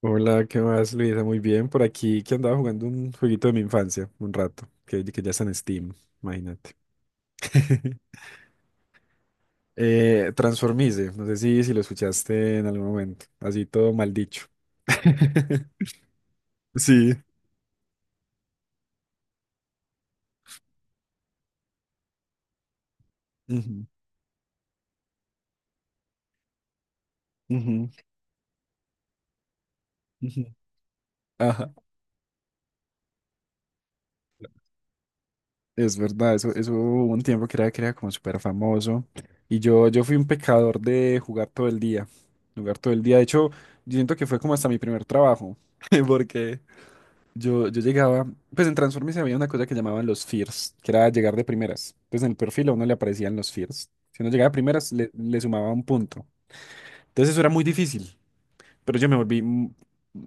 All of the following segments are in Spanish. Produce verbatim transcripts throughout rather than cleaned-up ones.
Hola, ¿qué más, Luisa? Muy bien, por aquí que andaba jugando un jueguito de mi infancia, un rato, que, que ya está en Steam, imagínate. Eh, Transformice, no sé si, si lo escuchaste en algún momento, así todo mal dicho. Sí. Ujú, ujú, ujú. Ajá, es verdad, eso, eso hubo un tiempo que era, que era como súper famoso. Y yo, yo fui un pecador de jugar todo el día, jugar todo el día. De hecho, yo siento que fue como hasta mi primer trabajo, porque... Yo, yo llegaba, pues en Transformers había una cosa que llamaban los fears, que era llegar de primeras. Entonces en el perfil a uno le aparecían los fears. Si uno llegaba de primeras, le, le sumaba un punto. Entonces eso era muy difícil, pero yo me volví un-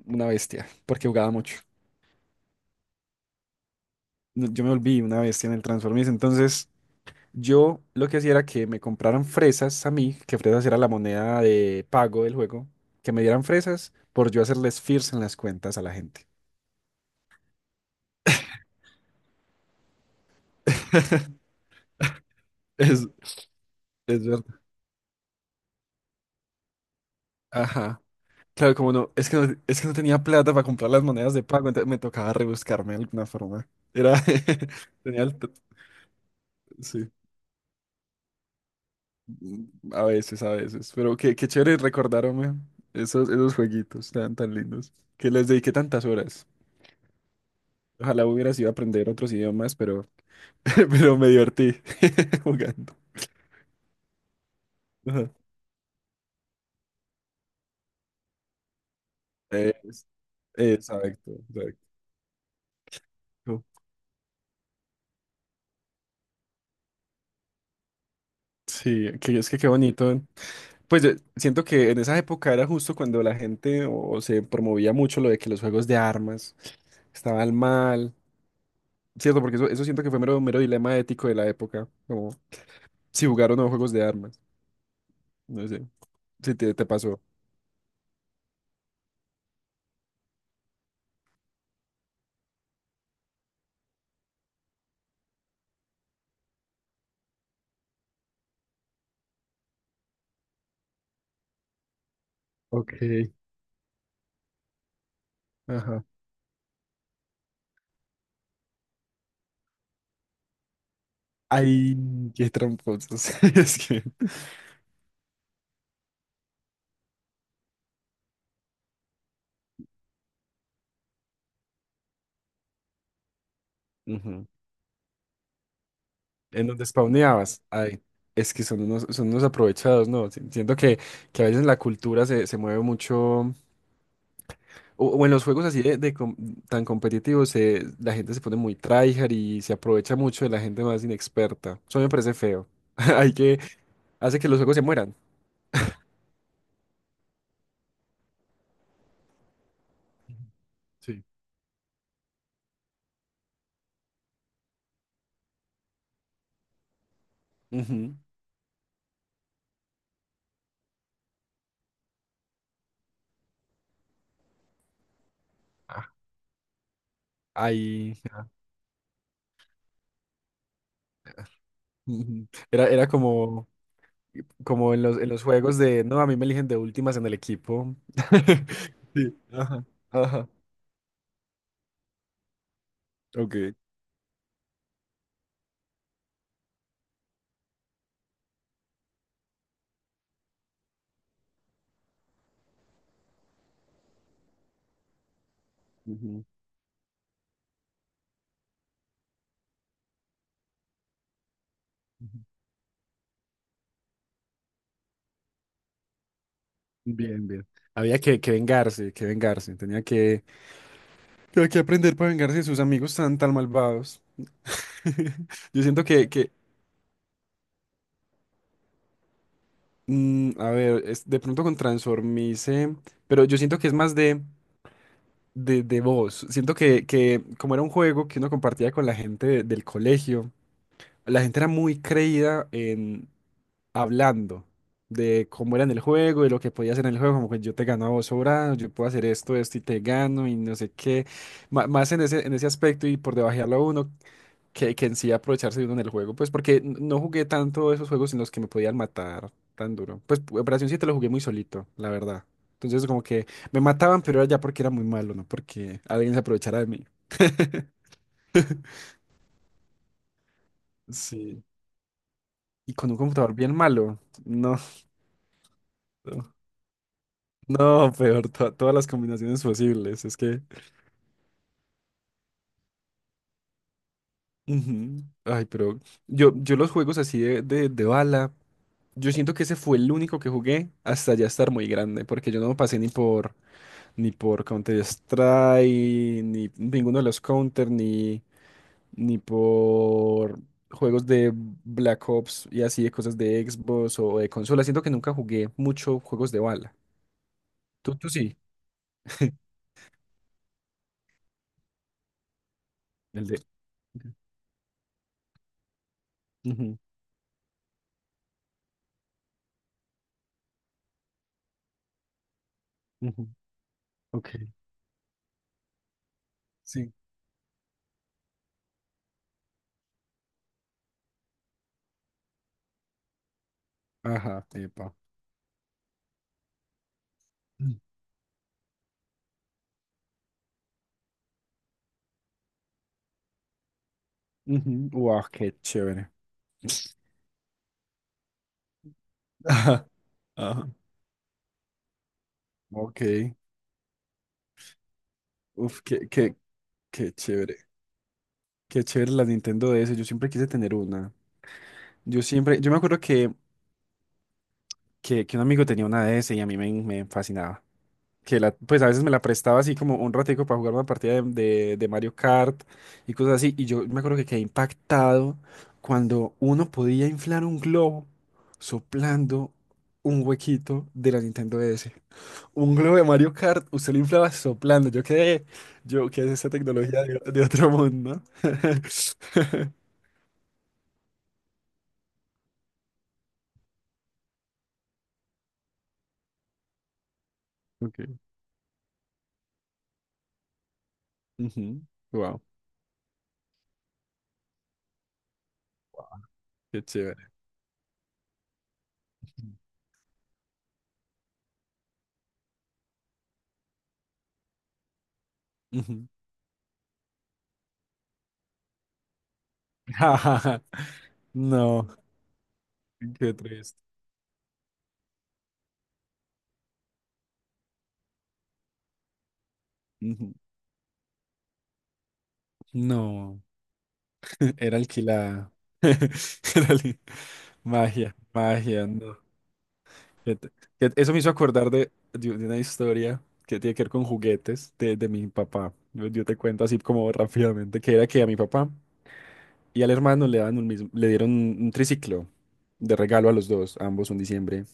una bestia, porque jugaba mucho. No, yo me volví una bestia en el Transformers. Entonces yo lo que hacía era que me compraran fresas a mí, que fresas era la moneda de pago del juego, que me dieran fresas por yo hacerles fears en las cuentas a la gente. Es, es verdad. Ajá. Claro, como no, es que no, es que no tenía plata para comprar las monedas de pago, entonces me tocaba rebuscarme de alguna forma. Era, tenía el, t- sí. Mm, a veces, a veces, pero qué, qué chévere recordar, hombre, esos, esos jueguitos tan, tan lindos, que les dediqué tantas horas. Ojalá hubiera sido aprender otros idiomas, pero, pero me divertí jugando. Ajá. Es- exacto, exacto. Sí, que es que qué bonito. Pues yo siento que en esa época era justo cuando la gente o se promovía mucho lo de que los juegos de armas estaban mal, ¿cierto? Porque eso, eso siento que fue mero, mero dilema ético de la época, como si jugar o no juegos de armas, no sé, si te, te pasó. Ok. Ajá. Ay, qué tramposos. Es que. Ujú. En donde spawneabas. Ay, es que son unos, son unos aprovechados, ¿no? Si- Siento que, que a veces la cultura se, se mueve mucho. O, o en los juegos así de, de com- tan competitivos, se- la gente se pone muy tryhard y se aprovecha mucho de la gente más inexperta. Eso me parece feo. Hay que, hace que los juegos se mueran. Sí. Ujú. Ah, ahí ujú, era, era como, como en los, en los juegos de, no, a mí me eligen de últimas en el equipo. Sí, ajá, ajá. Ok. Ujú, ujú. Bien, bien. Había que, que vengarse, que vengarse. Tenía que, que, que aprender para vengarse de sus amigos tan, tan malvados. Yo siento que, que mm, a ver, es, de pronto con Transformice, pero yo siento que es más de, de, de voz. Siento que, que como era un juego que uno compartía con la gente de- del colegio, la gente era muy creída en hablando de cómo era en el juego, de lo que podía hacer en el juego, como que yo te gano a vos sobrado, yo puedo hacer esto, esto y te gano y no sé qué. Ma- más en ese, en ese aspecto y por debajearlo a uno, que, que en sí aprovecharse de uno en el juego, pues porque n- no jugué tanto esos juegos en los que me podían matar tan duro. Pues Operación siete lo jugué muy solito, la verdad. Entonces como que me mataban, pero era ya porque era muy malo, ¿no? Porque alguien se aprovechara de mí. Sí. Y con un computador bien malo, no. No, no, peor, to- todas las combinaciones posibles. Es que. Ujú. Ay, pero yo, yo los juegos así de, de, de bala, yo siento que ese fue el único que jugué hasta ya estar muy grande, porque yo no pasé ni por ni por Counter-Strike, ni ninguno de los Counter, ni, ni por juegos de Black Ops y así de cosas de Xbox o de consola. Siento que nunca jugué mucho juegos de bala. Tú, tú sí. El de. Ujú, ujú, ok. Sí. Ajá, epa. Ujú, wow, qué chévere. Ajá. Ajá. Ok. Uf, qué, qué, qué chévere. Qué chévere la Nintendo D S. Yo siempre quise tener una. Yo siempre, yo me acuerdo que que, que un amigo tenía una D S y a mí me, me fascinaba. Que la, pues a veces me la prestaba así como un ratico para jugar una partida de, de- de Mario Kart y cosas así. Y yo me acuerdo que quedé impactado cuando uno podía inflar un globo soplando un huequito de la Nintendo D S. Un globo de Mario Kart, usted lo inflaba soplando. Yo quedé, yo, ¿qué es esta tecnología de, de otro mundo? Okay. Wow, qué chévere. Ujú. No. Qué triste. Ujú. No, era alquilada. Era li- magia, magia, no. Que te- que eso me hizo acordar de, de una historia que tiene que ver con juguetes de, de mi papá. Yo, yo te cuento así como rápidamente, que era que a mi papá y al hermano le dan un mismo, le dieron un, un triciclo de regalo a los dos, ambos un diciembre.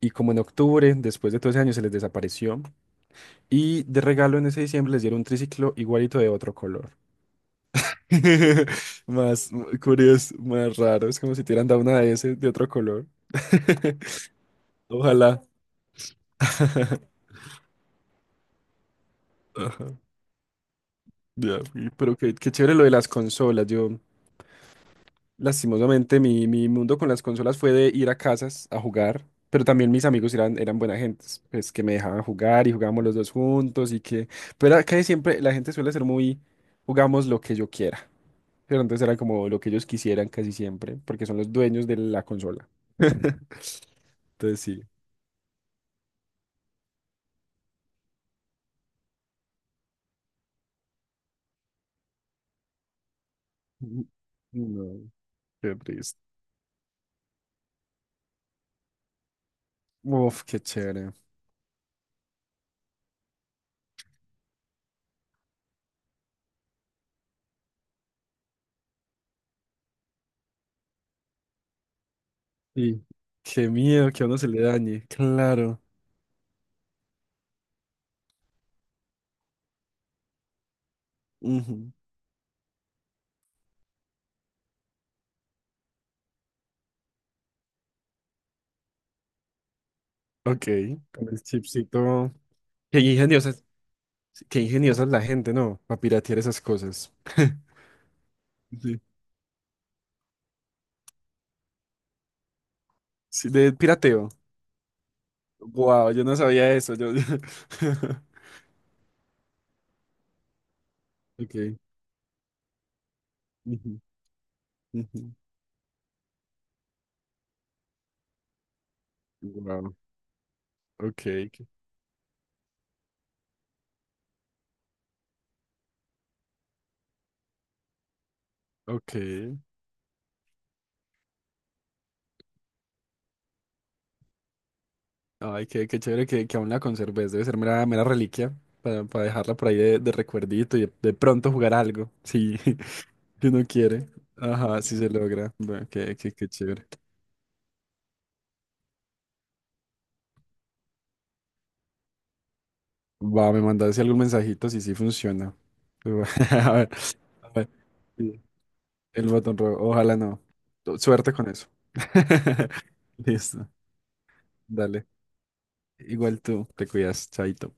Y como en octubre, después de doce años, se les desapareció. Y de regalo en ese diciembre les dieron un triciclo igualito de otro color. Más curioso, más raro. Es como si te hubieran dado una de ese de otro color. Ojalá. Ajá, ya, y- pero qué, qué chévere lo de las consolas. Yo, lastimosamente, mi, mi mundo con las consolas fue de ir a casas a jugar, pero también mis amigos eran, eran buena gente, pues que me dejaban jugar y jugábamos los dos juntos y que, pero era que siempre la gente suele ser muy, jugamos lo que yo quiera, pero entonces era como lo que ellos quisieran casi siempre, porque son los dueños de la consola. Entonces sí. No, qué triste. Uf, qué chévere. Sí, qué miedo que a uno se le dañe. Claro. Ujú. Ok, con el chipsito. Qué ingeniosa, qué ingeniosa es la gente, ¿no? Para piratear esas cosas. Sí. Sí, de pirateo. Wow, yo no sabía eso. Yo... Ok. Ujú, ujú. Wow. Ok. Ok. Ay, qué, qué chévere que, que aún la conserves. Debe ser mera, mera reliquia para, para dejarla por ahí de, de recuerdito y de, de pronto jugar algo. Sí, si uno quiere. Ajá, sí se logra. Bueno, qué, qué, qué chévere. Va, me mandaste algún mensajito si sí funciona. A ver, a ver. Sí, el botón rojo. Ojalá no. Tu- Suerte con eso. Listo. Dale. Igual tú. Te cuidas, chaito.